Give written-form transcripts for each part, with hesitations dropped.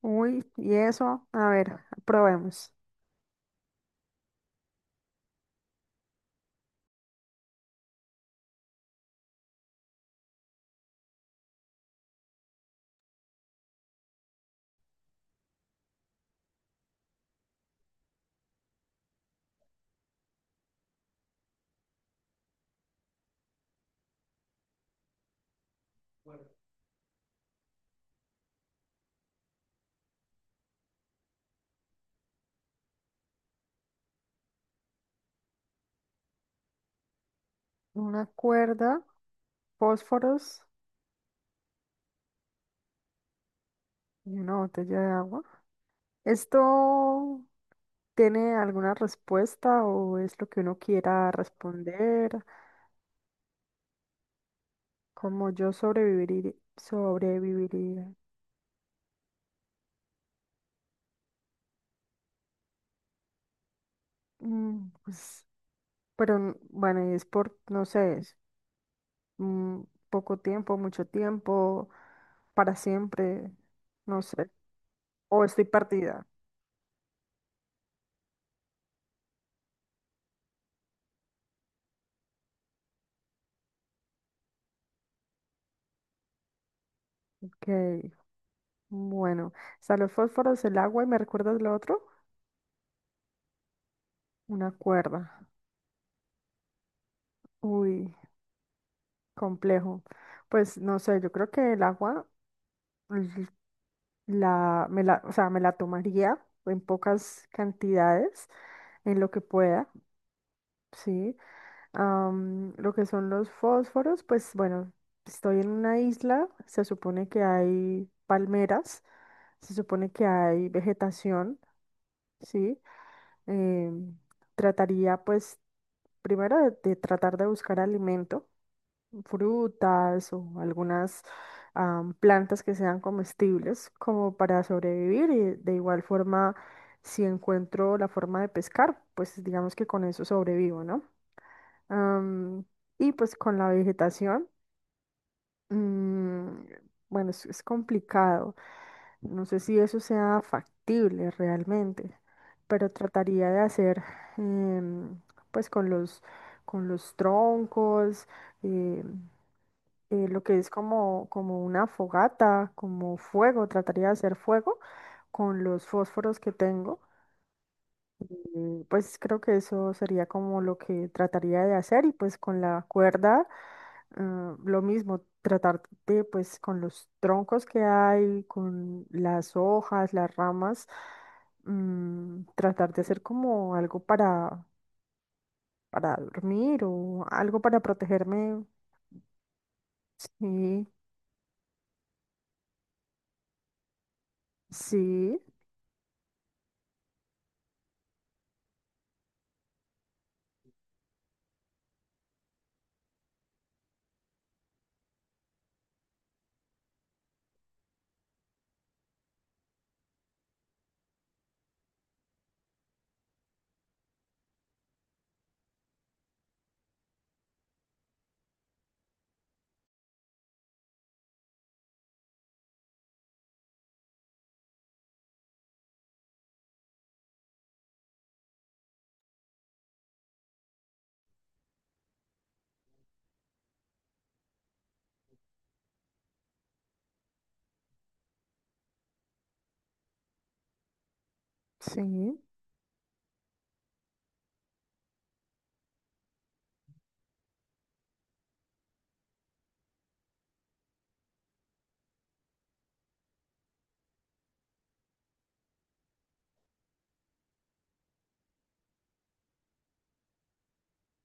Uy, y eso, a ver, probemos. Una cuerda, fósforos y una botella de agua. ¿Esto tiene alguna respuesta o es lo que uno quiera responder? ¿Cómo yo sobreviviría? Sobreviviría. Pues, pero bueno, y es por, no sé, es, mm, poco tiempo, mucho tiempo, para siempre, no sé. O estoy partida. Ok. Bueno, o sea los fósforos, el agua y me recuerdas lo otro, una cuerda. Uy, complejo. Pues no sé, yo creo que el agua l- la, me la, o sea, me la tomaría en pocas cantidades, en lo que pueda, sí. Lo que son los fósforos, pues bueno, estoy en una isla, se supone que hay palmeras, se supone que hay vegetación, sí. Em, trataría pues primero de tratar de buscar alimento, frutas o algunas plantas que sean comestibles como para sobrevivir. Y de igual forma, si encuentro la forma de pescar, pues digamos que con eso sobrevivo, ¿no? Am, y pues con la vegetación. Mm, bueno, es complicado. No sé si eso sea factible realmente, pero trataría de hacer, em, pues con con los troncos, em, lo que es como, como una fogata, como fuego. Trataría de hacer fuego con los fósforos que tengo. Y pues creo que eso sería como lo que trataría de hacer. Y pues con la cuerda, ah, lo mismo, tratar de, pues con los troncos que hay, con las hojas, las ramas, tratar de hacer como algo para dormir o algo para protegerme. Sí, sí, sí.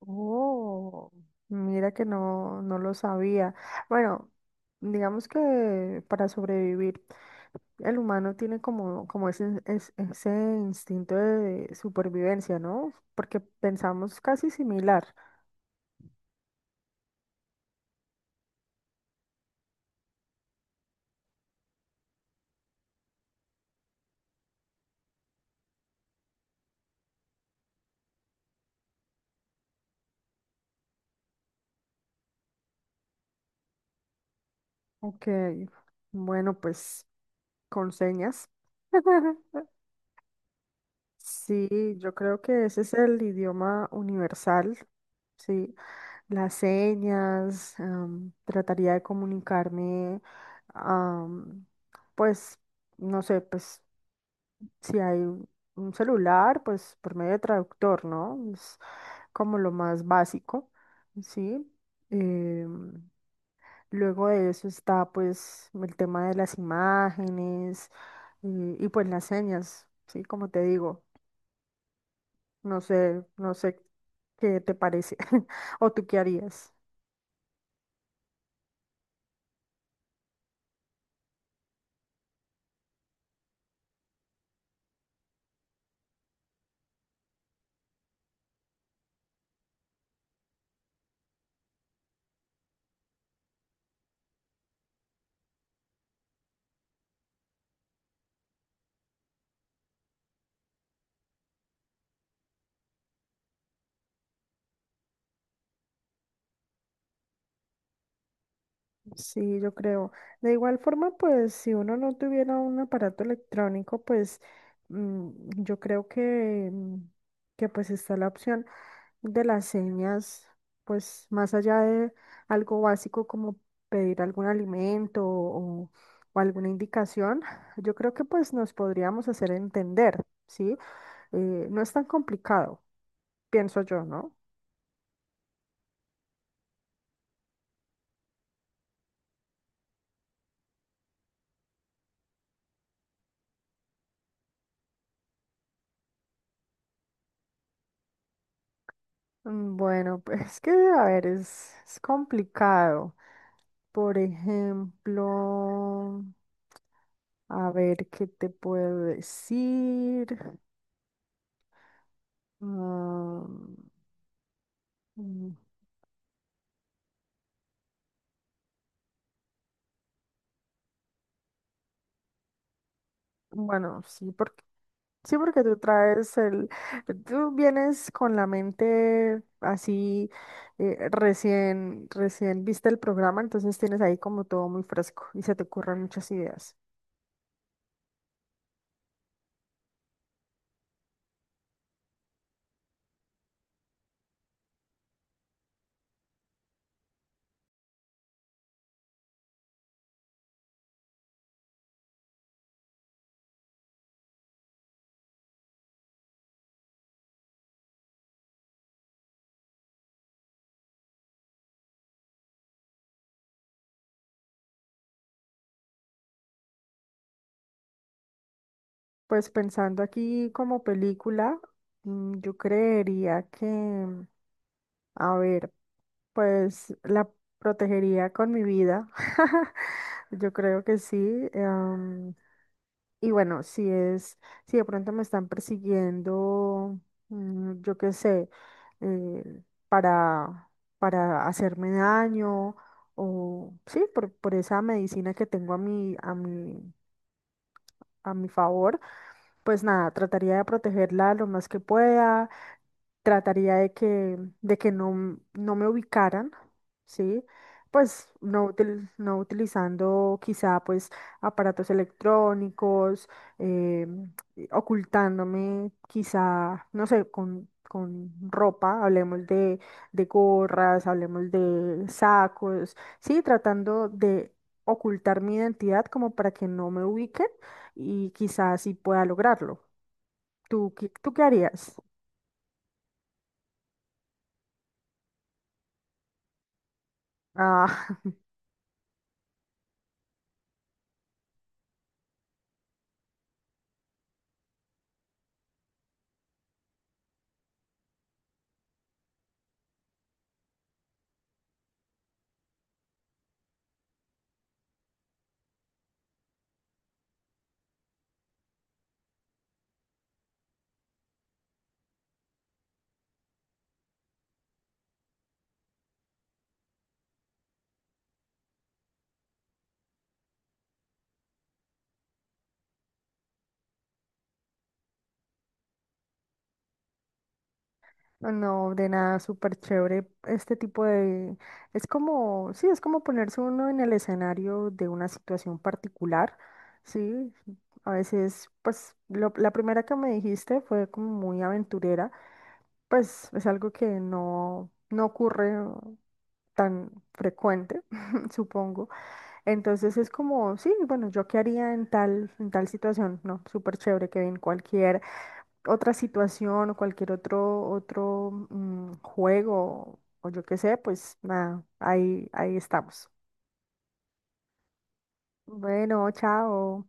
Oh, mira que no, no lo sabía. Bueno, digamos que para sobrevivir. El humano tiene como, como ese, ese instinto de supervivencia, ¿no? Porque pensamos casi similar. Ok, bueno, pues con señas. Sí, yo creo que ese es el idioma universal, sí. Las señas, trataría de comunicarme, am, pues, no sé, pues si hay un celular, pues por medio de traductor, ¿no? Como lo más básico, ¿sí? Em, luego de eso está pues el tema de las imágenes, y pues las señas, ¿sí? Como te digo, no sé, no sé qué te parece, o tú qué harías. Sí, yo creo. De igual forma, pues si uno no tuviera un aparato electrónico, pues mm, yo creo que, que pues está la opción de las señas. Pues más allá de algo básico como pedir algún alimento o alguna indicación, yo creo que pues nos podríamos hacer entender, ¿sí? No es tan complicado, pienso yo, ¿no? Bueno, pues es que, a ver, es complicado. Por ejemplo, a ver, ¿qué te puedo decir? Mm, mm, bueno, sí. Sí, porque tú vienes con la mente así, recién viste el programa. Entonces tienes ahí como todo muy fresco y se te ocurren muchas ideas. Pues pensando aquí como película, yo creería que, a ver, pues la protegería con mi vida. Yo creo que sí. em, Y bueno, si de pronto me están persiguiendo, yo qué sé, eh, para, para hacerme daño o sí, por esa medicina que tengo a a mi favor. Pues nada, trataría de protegerla lo más que pueda, trataría de de que no, no me ubicaran, ¿sí? Pues no, no utilizando quizá pues aparatos electrónicos, eh, y ocultándome quizá, no sé, con ropa, hablemos de gorras, hablemos de sacos, sí, tratando de ocultar mi identidad como para que no me ubiquen. Y quizás sí pueda lograrlo. ¿Tú qué harías? Ah, no, de nada, súper chévere este tipo de... Es como, sí, es como ponerse uno en el escenario de una situación particular, ¿sí? A veces, pues, la primera que me dijiste fue como muy aventurera, pues es algo que no, no ocurre tan frecuente, supongo. Entonces es como, sí, bueno, ¿yo qué haría en tal situación? No, súper chévere que en cualquier otra situación o cualquier otro, otro juego o yo qué sé, pues nada, ahí, ahí estamos. Bueno, chao.